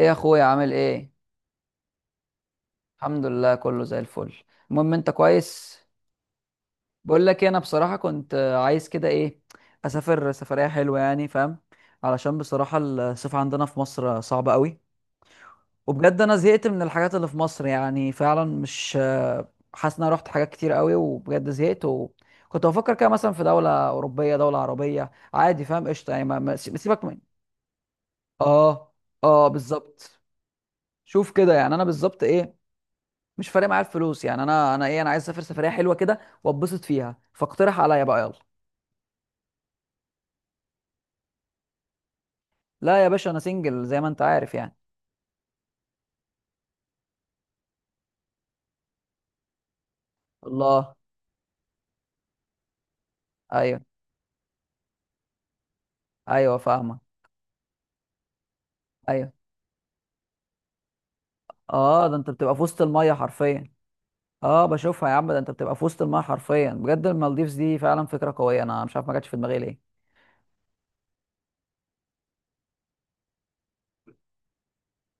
ايه يا اخويا؟ عامل ايه؟ الحمد لله، كله زي الفل. المهم انت كويس؟ بقول لك إيه، انا بصراحه كنت عايز كده، ايه، اسافر سفريه حلوه، يعني فاهم؟ علشان بصراحه الصيف عندنا في مصر صعب قوي. وبجد انا زهقت من الحاجات اللي في مصر، يعني فعلا مش حاسس ان انا رحت حاجات كتير قوي. وبجد زهقت، وكنت بفكر كده مثلا في دوله اوروبيه، دوله عربيه، عادي فاهم، قشطه يعني سيبك من. اه، اه، بالظبط. شوف كده يعني انا بالظبط، ايه، مش فارق معايا الفلوس، يعني انا ايه، انا عايز اسافر سفريه حلوه كده واتبسط فيها. فاقترح عليا بقى، يلا. لا يا باشا، انا سنجل زي ما انت عارف يعني. الله. ايوه، ايوه، فاهمه، ايوه. اه، ده انت بتبقى في وسط الميه حرفيا. اه، بشوفها يا عم. ده انت بتبقى في وسط الميه حرفيا بجد. المالديفز دي فعلا فكره قويه، انا مش عارف ما جاتش في دماغي ليه.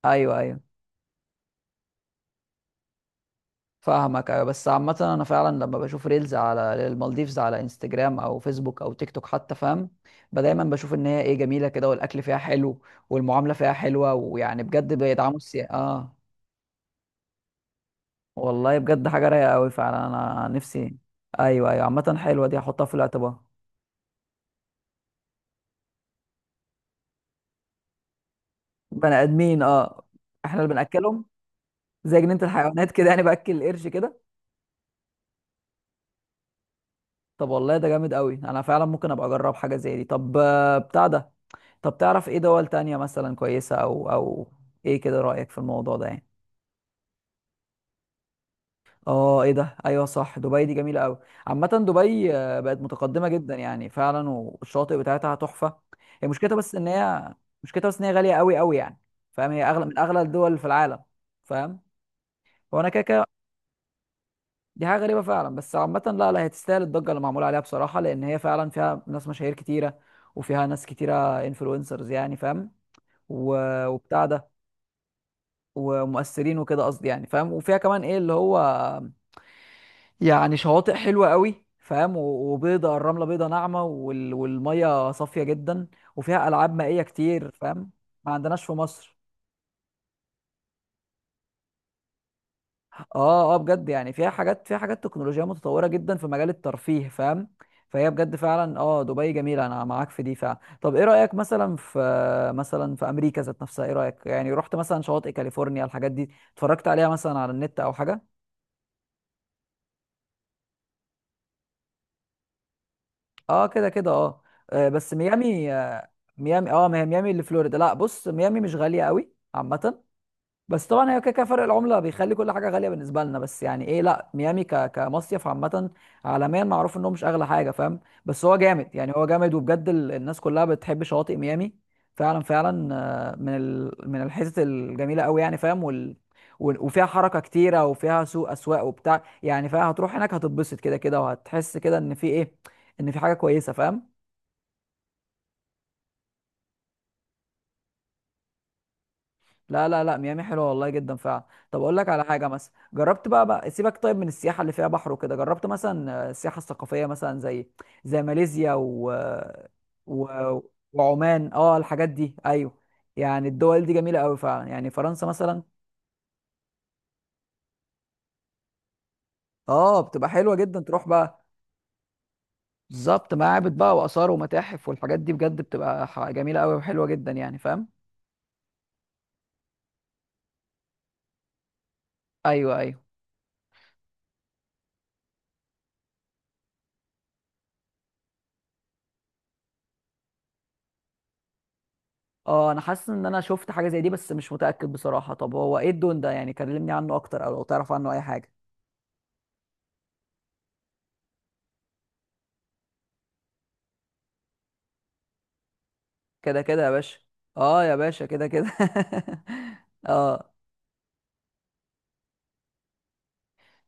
ايوه، ايوه، فاهمك، ايوه. بس عامة انا فعلا لما بشوف ريلز على المالديفز على انستجرام او فيسبوك او تيك توك حتى، فاهم؟ دايما بشوف ان هي، ايه، جميلة كده، والاكل فيها حلو. والمعاملة فيها حلوة، ويعني بجد بيدعموا السياحة، اه. والله بجد حاجة رايقة قوي فعلا، انا نفسي. ايوه، ايوه، عامة حلوة دي، هحطها في الاعتبار. بني ادمين، اه. احنا اللي بناكلهم. زي جنينة الحيوانات كده، يعني باكل القرش كده. طب والله ده جامد قوي، انا فعلا ممكن ابقى اجرب حاجة زي دي. طب بتاع ده. طب تعرف ايه دول تانية مثلا كويسة، او. ايه كده رأيك في الموضوع ده يعني؟ اه، ايه ده، ايوه صح، دبي دي جميلة قوي. عامة دبي بقت متقدمة جدا يعني فعلا، والشاطئ بتاعتها تحفة. هي مشكلتها بس ان هي مشكلتها بس ان هي غالية قوي قوي يعني. فاهم؟ هي اغلى من اغلى الدول في العالم. فاهم. وانا كده كده. دي حاجة غريبة فعلا، بس عامة لا، لا، هي تستاهل الضجة اللي معمولة عليها بصراحة، لان هي فعلا فيها ناس مشاهير كتيرة. وفيها ناس كتيرة، انفلونسرز يعني فاهم. وبتاع ده. ومؤثرين وكده، قصدي يعني فاهم. وفيها كمان، ايه اللي هو، يعني شواطئ حلوه قوي، فاهم؟ وبيضه، الرمله بيضه ناعمه، والميه صافيه جدا. وفيها العاب مائيه كتير، فاهم؟ ما عندناش في مصر. اه، اه، بجد يعني فيها حاجات تكنولوجيا متطوره جدا في مجال الترفيه، فاهم. فهي بجد فعلا، اه، دبي جميله، انا معاك في دي فعلا. طب ايه رايك مثلا في، مثلا في امريكا ذات نفسها، ايه رايك؟ يعني رحت مثلا شواطئ كاليفورنيا الحاجات دي، اتفرجت عليها مثلا على النت او حاجه؟ اه كده كده، اه. بس ميامي، ميامي، اه. ما هي ميامي اللي فلوريدا. لا بص، ميامي مش غالية قوي عامة. بس طبعا هي كده كده، فرق العمله بيخلي كل حاجه غاليه بالنسبه لنا، بس يعني ايه، لا ميامي كمصيف عامه، عالميا معروف انه مش اغلى حاجه، فاهم؟ بس هو جامد يعني، هو جامد، وبجد الناس كلها بتحب شواطئ ميامي. فعلا، فعلا. من الحتت الجميله قوي، يعني فاهم. وفيها حركه كتيره، وفيها سوق اسواق وبتاع، يعني فاهم؟ هتروح هناك، هتتبسط كده كده، وهتحس كده ان في ايه، ان في حاجه كويسه، فاهم؟ لا، لا، لا، ميامي حلوه والله جدا فعلا. طب اقول لك على حاجه، مثلا جربت بقى سيبك طيب من السياحه اللي فيها بحر وكده. جربت مثلا السياحه الثقافيه مثلا، زي زي ماليزيا و... وعمان، اه الحاجات دي، ايوه. يعني الدول دي جميله قوي فعلا، يعني فرنسا مثلا. اه، بتبقى حلوه جدا تروح بقى. بالظبط، معابد بقى واثار ومتاحف والحاجات دي بجد بتبقى جميله قوي وحلوه جدا، يعني فاهم. ايوه، ايوه، اه انا حاسس ان انا شفت حاجه زي دي، بس مش متاكد بصراحه. طب هو ايه الدون ده؟ يعني كلمني عنه اكتر، او لو تعرف عنه اي حاجه. كده كده يا باشا. اه يا باشا، كده كده. اه.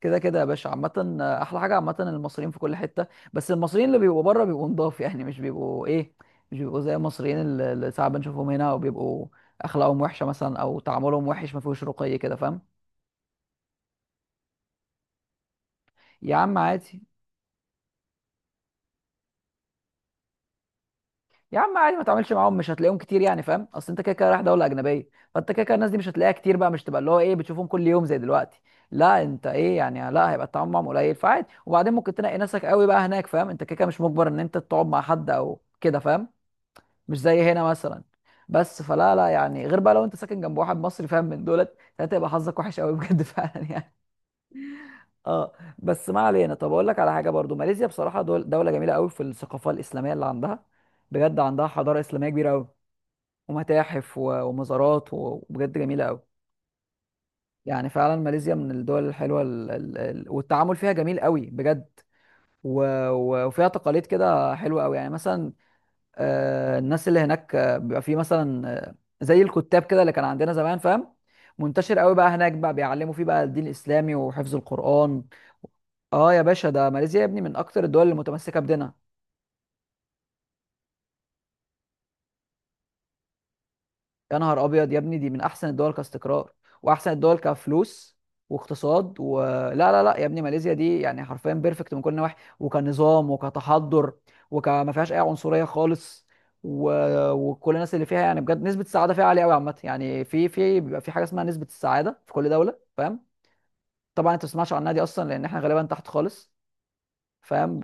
كده كده يا باشا، عامه احلى حاجه، عامه المصريين في كل حته. بس المصريين اللي بيبقوا بره، بيبقوا نضاف، يعني مش بيبقوا ايه، مش بيبقوا زي المصريين اللي ساعات بنشوفهم هنا، وبيبقوا اخلاقهم وحشه مثلا، او تعاملهم وحش، ما فيهوش رقي كده، فاهم؟ يا عم عادي. يا عم عادي، ما تعملش معاهم، مش هتلاقيهم كتير يعني فاهم، اصل انت كده كده رايح دوله اجنبيه. فانت كده كده الناس دي مش هتلاقيها كتير بقى، مش تبقى اللي هو ايه بتشوفهم كل يوم زي دلوقتي. لا انت ايه يعني، لا هيبقى التعامل معاهم قليل فعادي، وبعدين ممكن تنقي ناسك قوي بقى هناك، فاهم؟ انت كده كده مش مجبر ان انت تقعد مع حد او كده، فاهم؟ مش زي هنا مثلا. بس فلا، لا يعني غير بقى، لو انت ساكن جنب واحد مصري فاهم من دولت، ساعتها يبقى حظك وحش قوي بجد فعلا يعني. اه. بس ما علينا. طب اقول لك على حاجه برضو، ماليزيا بصراحه دول، دوله جميله قوي في الثقافه الاسلاميه اللي عندها. بجد عندها حضاره اسلاميه كبيره قوي. ومتاحف ومزارات وبجد جميله قوي. يعني فعلا ماليزيا من الدول الحلوه، والتعامل فيها جميل قوي بجد. و... وفيها تقاليد كده حلوه قوي يعني مثلا، الناس اللي هناك بيبقى في مثلا زي الكتاب كده اللي كان عندنا زمان، فاهم. منتشر قوي بقى هناك، بقى بيعلموا فيه بقى الدين الاسلامي وحفظ القران. اه يا باشا، ده ماليزيا يا ابني من اكتر الدول اللي متمسكه بدينها. يا نهار ابيض يا ابني، دي من احسن الدول كاستقرار، واحسن الدول كفلوس واقتصاد. ولا لا، لا، لا يا ابني، ماليزيا دي يعني حرفيا بيرفكت من كل النواحي، وكنظام وكتحضر، وكما فيهاش اي عنصريه خالص. و... وكل الناس اللي فيها يعني بجد نسبه السعاده فيها عاليه قوي عامه، يعني في بيبقى في حاجه اسمها نسبه السعاده في كل دوله، فاهم؟ طبعا انت ما تسمعش عنها دي اصلا، لان احنا غالبا تحت خالص. فاهم.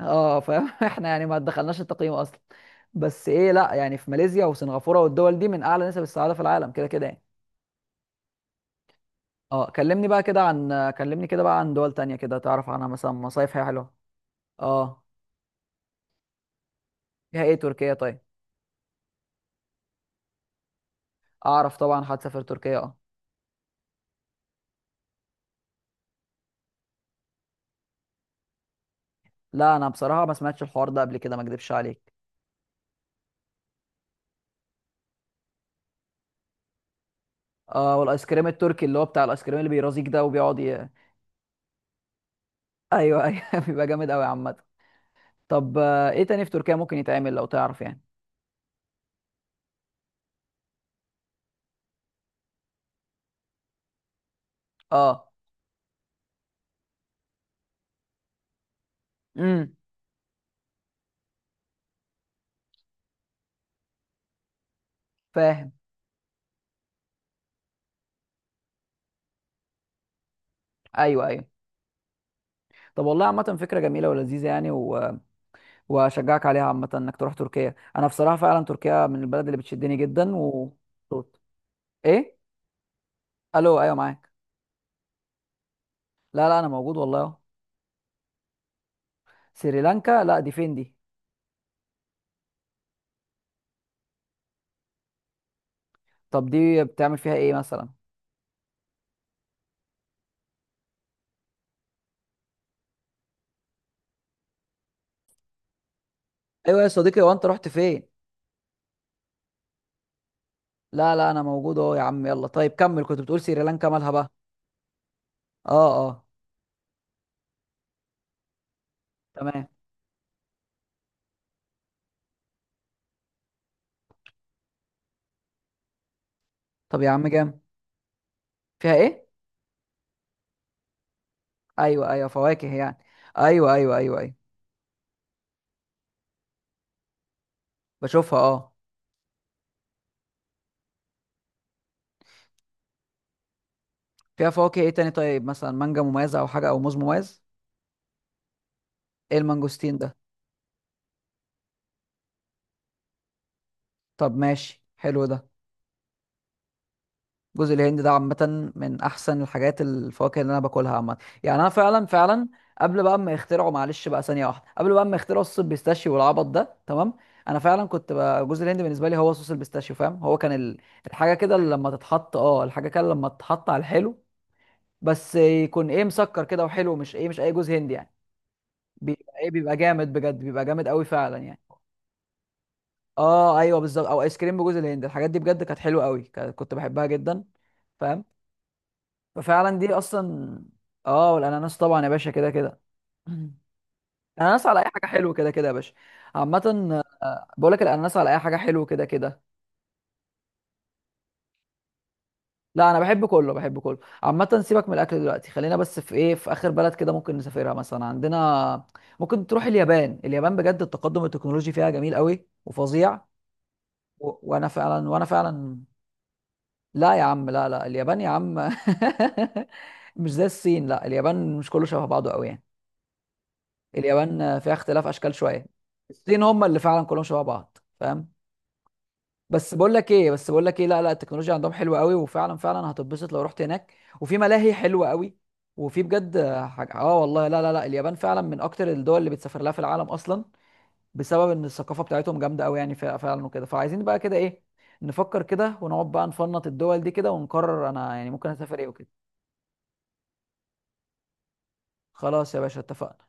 اه فاهم. احنا يعني ما دخلناش التقييم اصلا. بس ايه، لا يعني، في ماليزيا وسنغافوره والدول دي من اعلى نسب السعاده في العالم كده كده يعني. اه، كلمني كده بقى عن دول تانية، كده تعرف عنها مثلا، مصايف هي حلوة. اه. فيها ايه تركيا طيب؟ اعرف طبعا هتسافر تركيا، اه. لا انا بصراحة ما سمعتش الحوار ده قبل كده، ما اكدبش عليك. اه، والايس كريم التركي، اللي هو بتاع الايس كريم اللي بيرازيك ده، وبيقعد ايوه، ايوه، بيبقى جامد قوي عامة. طب ايه تاني في تركيا ممكن يتعمل لو تعرف يعني؟ اه، امم فاهم. ايوه، ايوه. طب والله عامة فكرة جميلة ولذيذة يعني واشجعك عليها عامة انك تروح تركيا. انا بصراحة فعلا تركيا من البلد اللي بتشدني جدا ايه؟ الو، ايوه معاك. لا، لا، انا موجود والله اهو. سريلانكا؟ لا دي فين دي؟ طب دي بتعمل فيها ايه مثلا؟ ايوه يا صديقي، هو انت رحت فين؟ لا، لا، انا موجود اهو يا عم. يلا طيب كمل، كنت بتقول سريلانكا مالها بقى. اه، اه، تمام. طب يا عم جام. فيها ايه؟ ايوه، ايوه، فواكه يعني. ايوه، ايوه، ايوه، ايوه. بشوفها، اه. فيها فواكه ايه تاني طيب؟ مثلا مانجا مميزة او حاجة، او موز مميز؟ ايه المانجوستين ده؟ طب ماشي، حلو ده. جوز الهند ده عامة من أحسن الحاجات الفواكه اللي أنا باكلها عامة. يعني أنا فعلا، فعلا، قبل بقى ما يخترعوا معلش بقى ثانية واحدة، قبل بقى ما يخترعوا الصوص البيستاشيو والعبط ده، تمام. أنا فعلا كنت بقى جوز الهند بالنسبة لي هو صوص البيستاشيو، فاهم؟ هو كان الحاجة كده لما تتحط على الحلو. بس يكون، إيه، مسكر كده وحلو، مش، إيه، مش أي جوز هند يعني. بيبقى جامد بجد، بيبقى جامد قوي فعلا يعني. أه أيوه بالظبط، أو آيس كريم بجوز الهند، الحاجات دي بجد كانت حلوة قوي، كنت بحبها جدا. فاهم. ففعلا دي اصلا. اه، والاناناس طبعا يا باشا كده كده. الاناناس على اي حاجه حلو كده كده يا باشا. عامه بقول لك الاناناس على اي حاجه حلو كده كده. لا، انا بحب كله، بحب كله. عامه سيبك من الاكل دلوقتي، خلينا بس في، ايه، في اخر بلد كده ممكن نسافرها مثلا عندنا. ممكن تروح اليابان. اليابان بجد التقدم التكنولوجي فيها جميل قوي وفظيع. وانا فعلا. لا يا عم، لا، لا، اليابان يا عم. مش زي الصين. لا اليابان مش كله شبه بعضه قوي يعني. اليابان فيها اختلاف اشكال شويه. الصين هم اللي فعلا كلهم شبه بعض، فاهم. بس بقول لك ايه لا، لا، التكنولوجيا عندهم حلوه قوي، وفعلا فعلا هتتبسط لو رحت هناك. وفي ملاهي حلوه قوي. وفي بجد حاجه، اه والله لا، لا، لا، اليابان فعلا من اكتر الدول اللي بتسافر لها في العالم اصلا، بسبب ان الثقافه بتاعتهم جامده قوي يعني فعلا، وكده فعايزين بقى كده ايه، نفكر كده، ونقعد بقى نفنط الدول دي كده، ونقرر انا يعني ممكن اسافر ايه وكده. خلاص يا باشا اتفقنا.